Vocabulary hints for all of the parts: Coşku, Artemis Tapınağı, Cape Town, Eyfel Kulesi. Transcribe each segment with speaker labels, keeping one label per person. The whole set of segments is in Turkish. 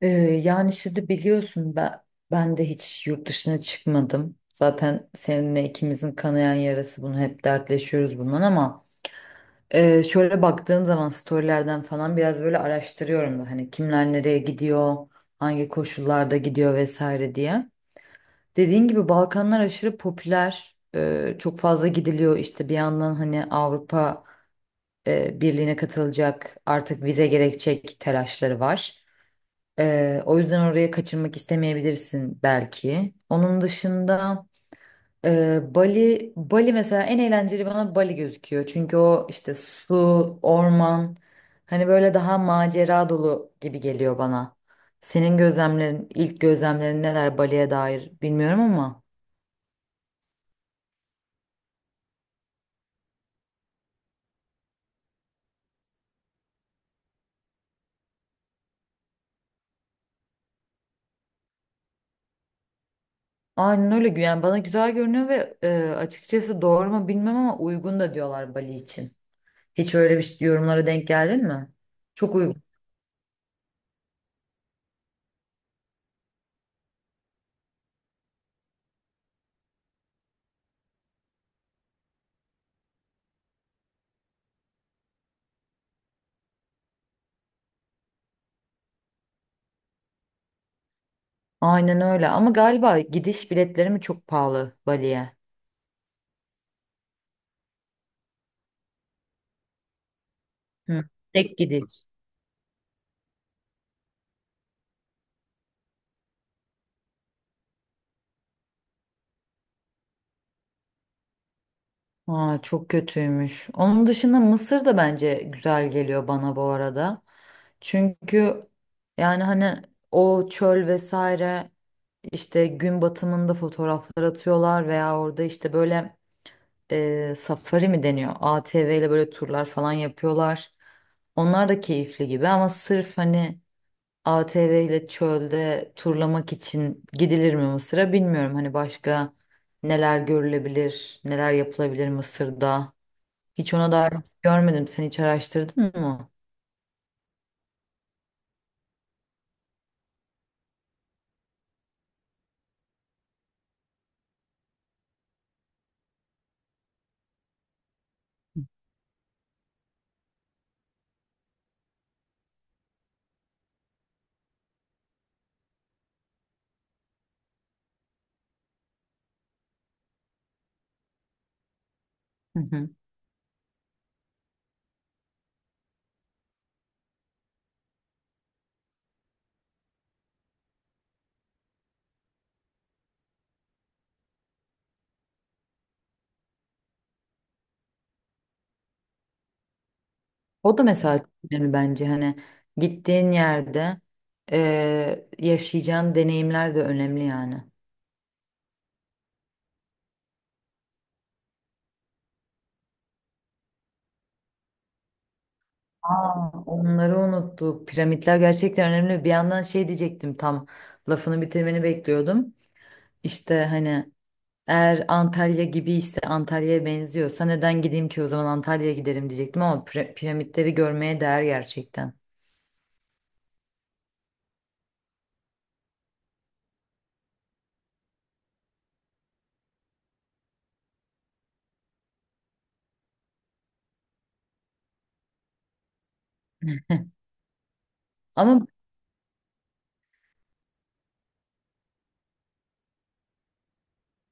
Speaker 1: Ee, yani şimdi biliyorsun ben, ben de hiç yurt dışına çıkmadım. Zaten seninle ikimizin kanayan yarası bunu hep dertleşiyoruz bundan ama şöyle baktığım zaman storylerden falan biraz böyle araştırıyorum da hani kimler nereye gidiyor, hangi koşullarda gidiyor vesaire diye. Dediğin gibi Balkanlar aşırı popüler, çok fazla gidiliyor işte bir yandan hani Avrupa Birliği'ne katılacak artık vize gerekecek telaşları var. O yüzden oraya kaçırmak istemeyebilirsin belki. Onun dışında Bali mesela en eğlenceli bana Bali gözüküyor. Çünkü o işte su, orman, hani böyle daha macera dolu gibi geliyor bana. Senin gözlemlerin, ilk gözlemlerin neler Bali'ye dair bilmiyorum ama. Aynen öyle yani bana güzel görünüyor ve açıkçası doğru mu bilmem ama uygun da diyorlar Bali için. Hiç öyle bir şey- Yorumlara denk geldin mi? Çok uygun. Aynen öyle ama galiba gidiş biletleri mi çok pahalı Bali'ye? Hı. Tek gidiş. Aa, çok kötüymüş. Onun dışında Mısır da bence güzel geliyor bana bu arada. Çünkü yani hani o çöl vesaire işte gün batımında fotoğraflar atıyorlar veya orada işte böyle safari mi deniyor? ATV ile böyle turlar falan yapıyorlar. Onlar da keyifli gibi ama sırf hani ATV ile çölde turlamak için gidilir mi Mısır'a bilmiyorum. Hani başka neler görülebilir, neler yapılabilir Mısır'da. Hiç ona dair görmedim. Sen hiç araştırdın mı? Hı hı. O da mesela çok önemli bence. Hani gittiğin yerde yaşayacağın deneyimler de önemli yani. Aa, onları unuttuk. Piramitler gerçekten önemli. Bir yandan şey diyecektim tam lafını bitirmeni bekliyordum. İşte hani eğer Antalya gibi ise Antalya'ya benziyorsa neden gideyim ki o zaman Antalya'ya giderim diyecektim ama piramitleri görmeye değer gerçekten. Ama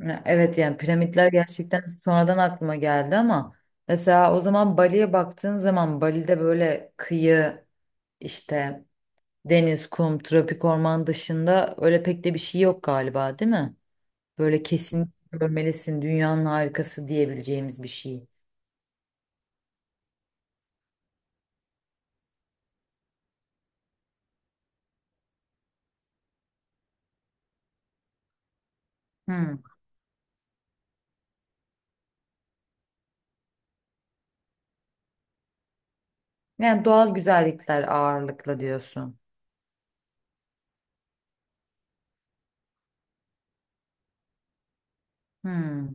Speaker 1: ya evet yani piramitler gerçekten sonradan aklıma geldi ama mesela o zaman Bali'ye baktığın zaman Bali'de böyle kıyı işte deniz, kum, tropik orman dışında öyle pek de bir şey yok galiba değil mi? Böyle kesin görmelisin dünyanın harikası diyebileceğimiz bir şey. Hmm. Yani doğal güzellikler ağırlıkla diyorsun. Hmm.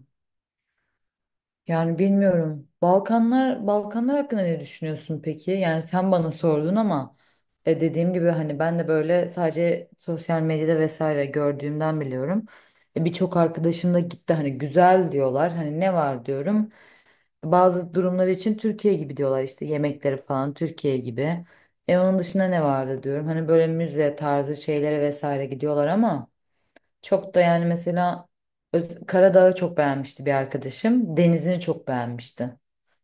Speaker 1: Yani bilmiyorum. Balkanlar hakkında ne düşünüyorsun peki? Yani sen bana sordun ama dediğim gibi hani ben de böyle sadece sosyal medyada vesaire gördüğümden biliyorum. Birçok arkadaşım da gitti hani güzel diyorlar. Hani ne var diyorum. Bazı durumlar için Türkiye gibi diyorlar işte yemekleri falan Türkiye gibi. E onun dışında ne vardı diyorum. Hani böyle müze tarzı şeylere vesaire gidiyorlar ama çok da yani mesela Karadağ'ı çok beğenmişti bir arkadaşım. Denizini çok beğenmişti.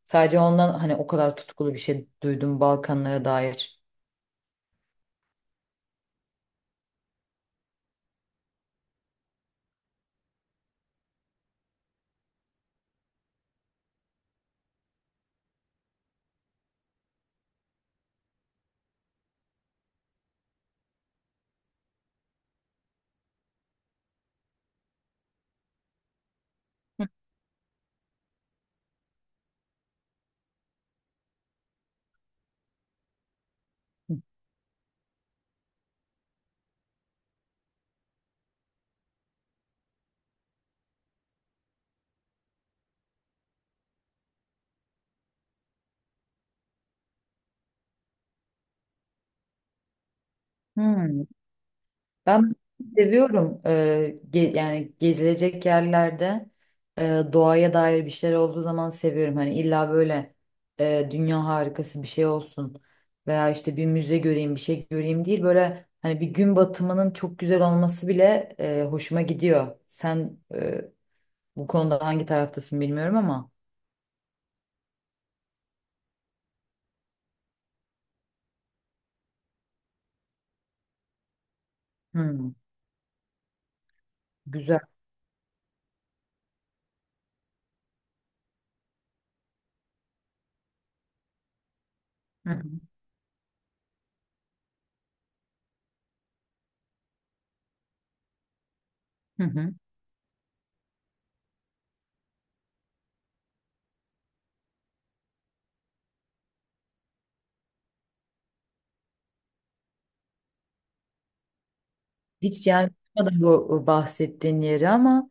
Speaker 1: Sadece ondan hani o kadar tutkulu bir şey duydum Balkanlara dair. Hmm. Ben seviyorum, yani gezilecek yerlerde doğaya dair bir şeyler olduğu zaman seviyorum. Hani illa böyle dünya harikası bir şey olsun veya işte bir müze göreyim bir şey göreyim değil. Böyle hani bir gün batımının çok güzel olması bile hoşuma gidiyor. Sen bu konuda hangi taraftasın bilmiyorum ama. Hmm, güzel. Hı hı. Hı hı. Hiç yani bakmadım bu bahsettiğin yeri ama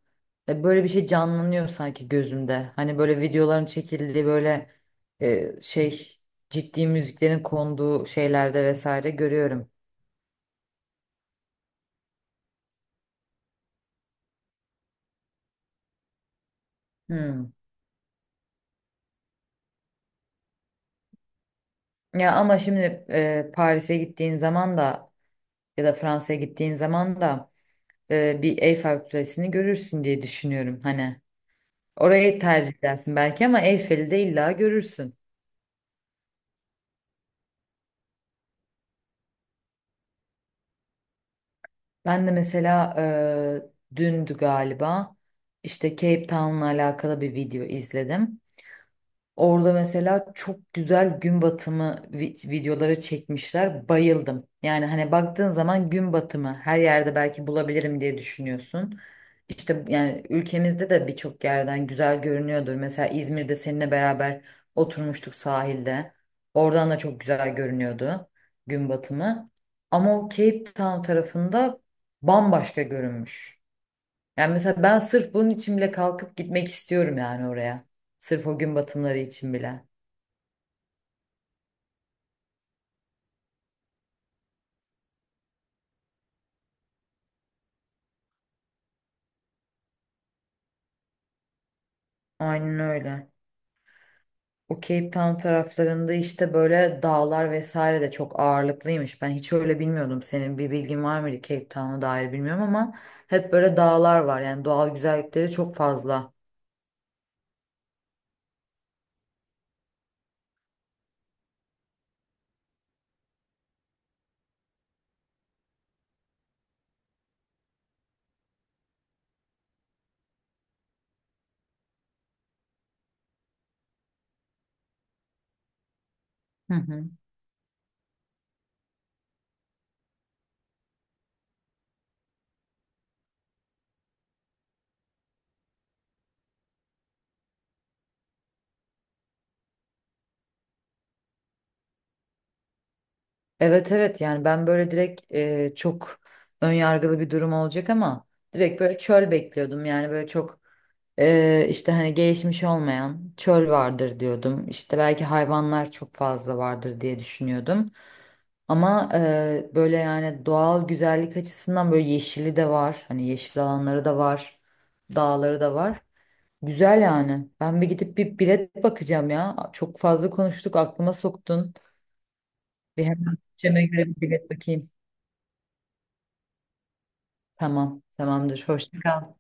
Speaker 1: böyle bir şey canlanıyor sanki gözümde. Hani böyle videoların çekildiği böyle e, şey ciddi müziklerin konduğu şeylerde vesaire görüyorum. Hmm. Ya ama şimdi Paris'e gittiğin zaman da ya da Fransa'ya gittiğin zaman da bir Eyfel Kulesi'ni görürsün diye düşünüyorum. Hani orayı tercih edersin belki ama Eyfel'i de illa görürsün. Ben de mesela dündü galiba işte Cape Town'la alakalı bir video izledim. Orada mesela çok güzel gün batımı videoları çekmişler. Bayıldım. Yani hani baktığın zaman gün batımı her yerde belki bulabilirim diye düşünüyorsun. İşte yani ülkemizde de birçok yerden güzel görünüyordur. Mesela İzmir'de seninle beraber oturmuştuk sahilde. Oradan da çok güzel görünüyordu gün batımı. Ama o Cape Town tarafında bambaşka görünmüş. Yani mesela ben sırf bunun için bile kalkıp gitmek istiyorum yani oraya. Sırf o gün batımları için bile. Aynen öyle. O Cape Town taraflarında işte böyle dağlar vesaire de çok ağırlıklıymış. Ben hiç öyle bilmiyordum. Senin bir bilgin var mıydı Cape Town'a dair bilmiyorum ama hep böyle dağlar var. Yani doğal güzellikleri çok fazla. Hı hı. Evet evet yani ben böyle direkt çok ön yargılı bir durum olacak ama direkt böyle çöl bekliyordum. Yani böyle çok işte hani gelişmiş olmayan çöl vardır diyordum. İşte belki hayvanlar çok fazla vardır diye düşünüyordum. Ama böyle yani doğal güzellik açısından böyle yeşili de var. Hani yeşil alanları da var. Dağları da var. Güzel yani. Ben bir gidip bir bilet bakacağım ya. Çok fazla konuştuk aklıma soktun. Bir hemen bütçeme göre bir bilet bakayım. Tamam, tamamdır. Hoşça kal.